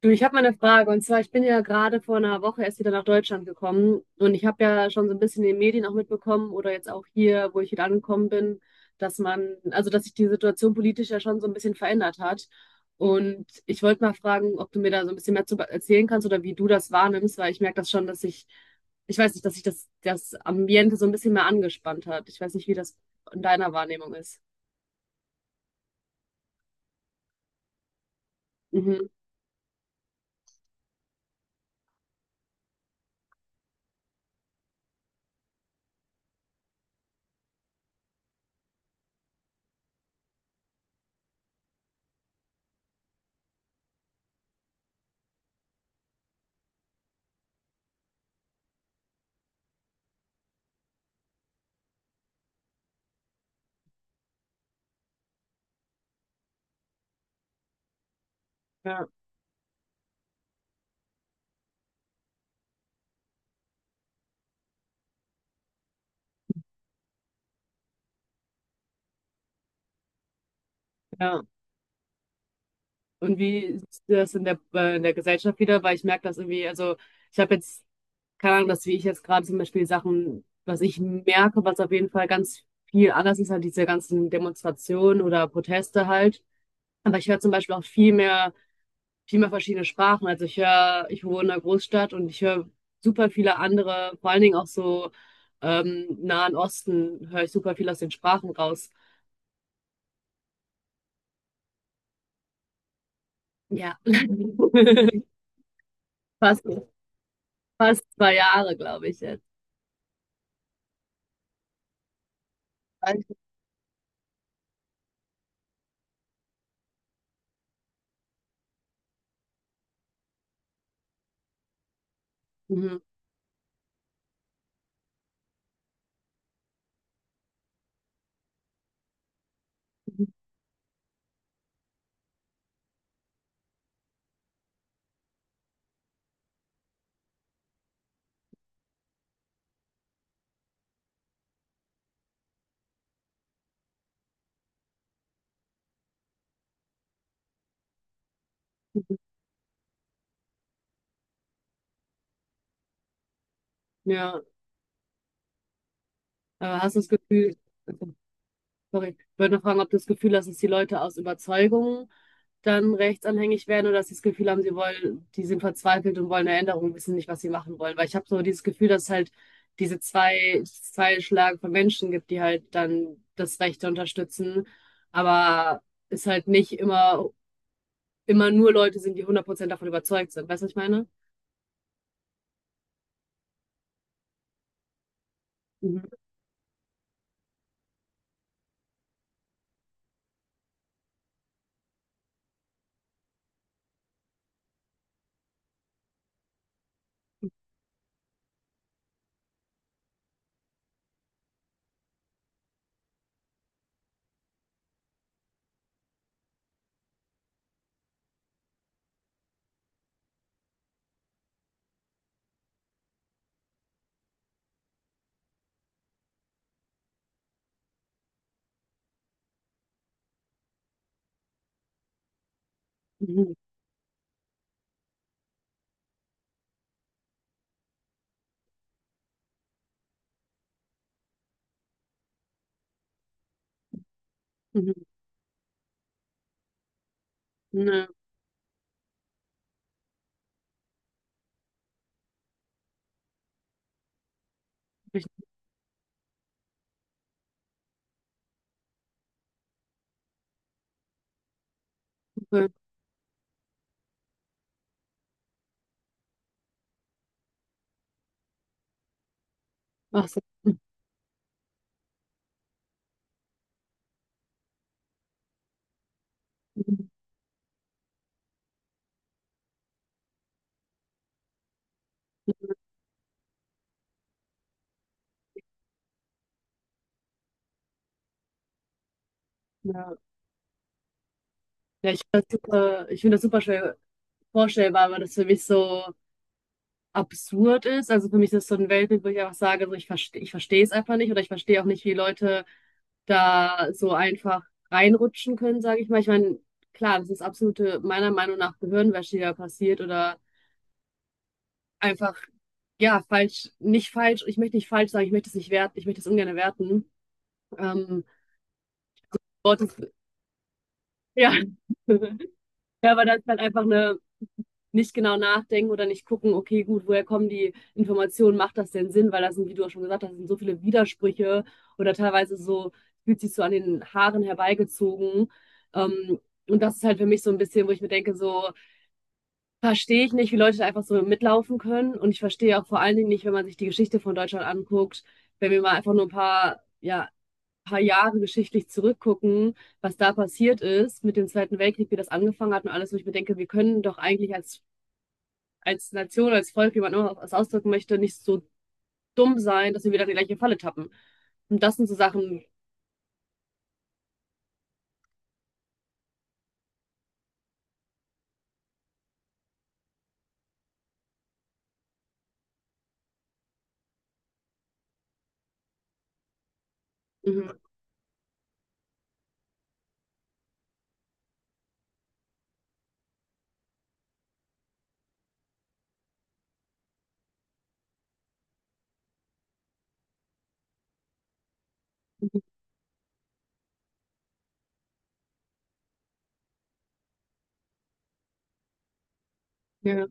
Du, ich habe mal eine Frage. Und zwar, ich bin ja gerade vor einer Woche erst wieder nach Deutschland gekommen. Und ich habe ja schon so ein bisschen in den Medien auch mitbekommen oder jetzt auch hier, wo ich wieder angekommen bin, dass man, also dass sich die Situation politisch ja schon so ein bisschen verändert hat. Und ich wollte mal fragen, ob du mir da so ein bisschen mehr zu erzählen kannst oder wie du das wahrnimmst, weil ich merke das schon, dass ich weiß nicht, dass sich das, das Ambiente so ein bisschen mehr angespannt hat. Ich weiß nicht, wie das in deiner Wahrnehmung ist. Mhm. Ja, ja. Und wie siehst du das in in der Gesellschaft wieder? Weil ich merke das irgendwie, also ich habe jetzt, keine Ahnung, dass wie ich jetzt gerade zum Beispiel Sachen, was ich merke, was auf jeden Fall ganz viel anders ist, halt diese ganzen Demonstrationen oder Proteste halt. Aber ich höre zum Beispiel auch viel mehr verschiedene Sprachen. Also ich höre, ich wohne in einer Großstadt und ich höre super viele andere, vor allen Dingen auch so Nahen Osten, höre ich super viel aus den Sprachen raus. Ja. Fast, fast zwei Jahre, glaube ich jetzt. Mhm. Mhm. Ja, aber hast du das Gefühl, also, sorry, ich wollte noch fragen, ob du das Gefühl hast, dass die Leute aus Überzeugung dann rechtsanhängig werden oder dass sie das Gefühl haben, sie wollen, die sind verzweifelt und wollen eine Änderung, wissen nicht, was sie machen wollen. Weil ich habe so dieses Gefühl, dass es halt diese zwei Schlagen von Menschen gibt, die halt dann das Rechte unterstützen, aber es halt nicht immer, immer nur Leute sind, die 100% davon überzeugt sind. Weißt du, was ich meine? Mhm. Mhm. Mhm. Ja, richtig cool. Ach so. Mhm. Ja. Ja, ich finde das super schwer vorstellbar, weil das für mich so absurd ist. Also für mich ist das so ein Weltbild, wo ich einfach sage, so ich verstehe es einfach nicht oder ich verstehe auch nicht, wie Leute da so einfach reinrutschen können, sage ich mal. Ich meine, klar, das ist absolute, meiner Meinung nach, Gehirnwäsche, die da passiert oder einfach, ja, nicht falsch, ich möchte nicht falsch sagen, ich möchte es nicht werten, ich möchte es ungern werten. Ähm, Wort ist, ja. Ja, aber das ist halt einfach eine nicht genau nachdenken oder nicht gucken, okay, gut, woher kommen die Informationen, macht das denn Sinn? Weil das sind, wie du auch schon gesagt hast, sind so viele Widersprüche oder teilweise so, fühlt sich so an den Haaren herbeigezogen. Ähm, und das ist halt für mich so ein bisschen, wo ich mir denke, so verstehe ich nicht, wie Leute da einfach so mitlaufen können. Und ich verstehe auch vor allen Dingen nicht, wenn man sich die Geschichte von Deutschland anguckt, wenn wir mal einfach nur ein paar Jahre geschichtlich zurückgucken, was da passiert ist mit dem Zweiten Weltkrieg, wie das angefangen hat und alles, wo ich mir denke, wir können doch eigentlich als als Nation, als Volk, wie man immer was ausdrücken möchte, nicht so dumm sein, dass wir wieder in die gleiche Falle tappen. Und das sind so Sachen. Mhm. Ja.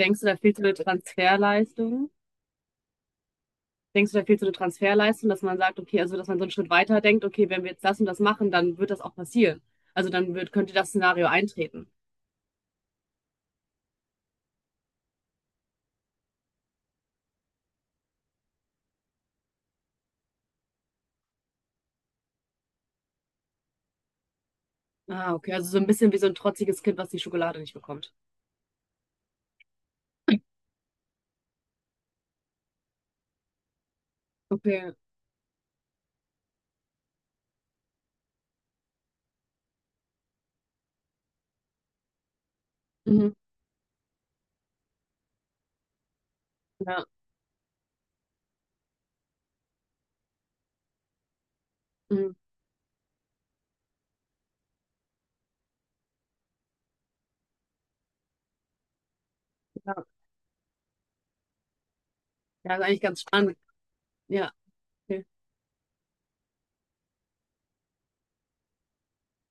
Denkst du, da fehlt so eine Transferleistung? Denkst du, da fehlt so eine Transferleistung, dass man sagt, okay, also dass man so einen Schritt weiter denkt, okay, wenn wir jetzt das und das machen, dann wird das auch passieren. Also dann wird, könnte das Szenario eintreten. Ah, okay, also so ein bisschen wie so ein trotziges Kind, was die Schokolade nicht bekommt. Okay. Mhm. Ja. Mhm. Ja. Ja, ist eigentlich ganz spannend. Ja.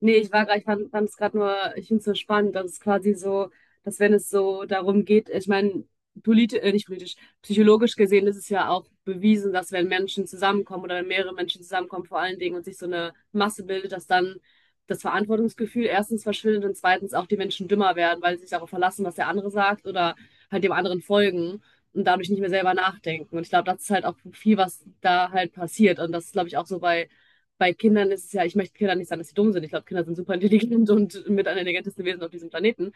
Nee, ich war gerade, ich fand es gerade nur, ich finde es so spannend, dass es quasi so, dass wenn es so darum geht, ich meine, nicht politisch, psychologisch gesehen ist es ja auch bewiesen, dass wenn Menschen zusammenkommen oder wenn mehrere Menschen zusammenkommen, vor allen Dingen und sich so eine Masse bildet, dass dann das Verantwortungsgefühl erstens verschwindet und zweitens auch die Menschen dümmer werden, weil sie sich darauf verlassen, was der andere sagt oder halt dem anderen folgen und dadurch nicht mehr selber nachdenken. Und ich glaube, das ist halt auch viel, was da halt passiert. Und das ist, glaube ich, auch so bei bei Kindern ist es ja, ich möchte Kindern nicht sagen, dass sie dumm sind. Ich glaube, Kinder sind super intelligent und mit am intelligentesten Wesen auf diesem Planeten.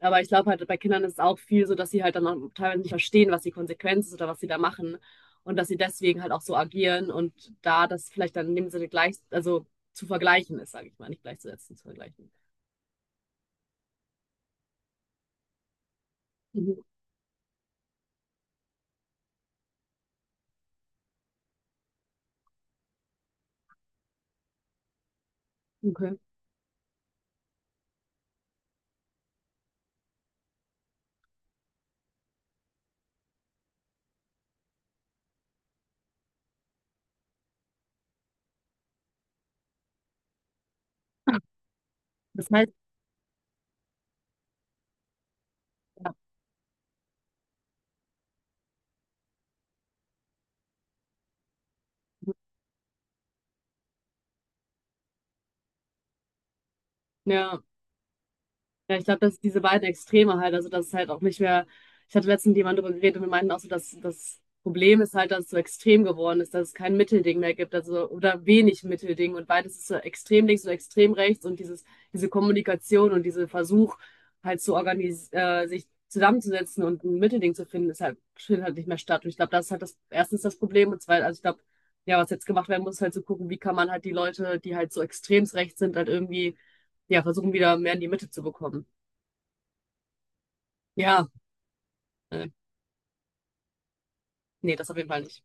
Aber ich glaube halt, bei Kindern ist es auch viel so, dass sie halt dann auch teilweise nicht verstehen, was die Konsequenz ist oder was sie da machen. Und dass sie deswegen halt auch so agieren und da das vielleicht dann in dem Sinne gleich, also zu vergleichen ist, sage ich mal, nicht gleichzusetzen, zu vergleichen. Mhm. Okay. Das heißt, ja, ja, ich glaube, dass diese beiden Extreme halt, also dass ist halt auch nicht mehr, ich hatte letztens mit jemandem darüber geredet und wir meinten auch so, dass das Problem ist halt, dass es so extrem geworden ist, dass es kein Mittelding mehr gibt, also oder wenig Mittelding und beides ist so extrem links und extrem rechts und dieses, diese Kommunikation und dieser Versuch halt zu organis sich zusammenzusetzen und ein Mittelding zu finden, ist halt, findet halt nicht mehr statt. Und ich glaube, das ist halt das, erstens das Problem und zweitens, also ich glaube, ja, was jetzt gemacht werden muss, ist halt zu gucken, wie kann man halt die Leute, die halt so extremst rechts sind, halt irgendwie, ja, versuchen wieder mehr in die Mitte zu bekommen. Ja, äh, ne, das auf jeden Fall nicht.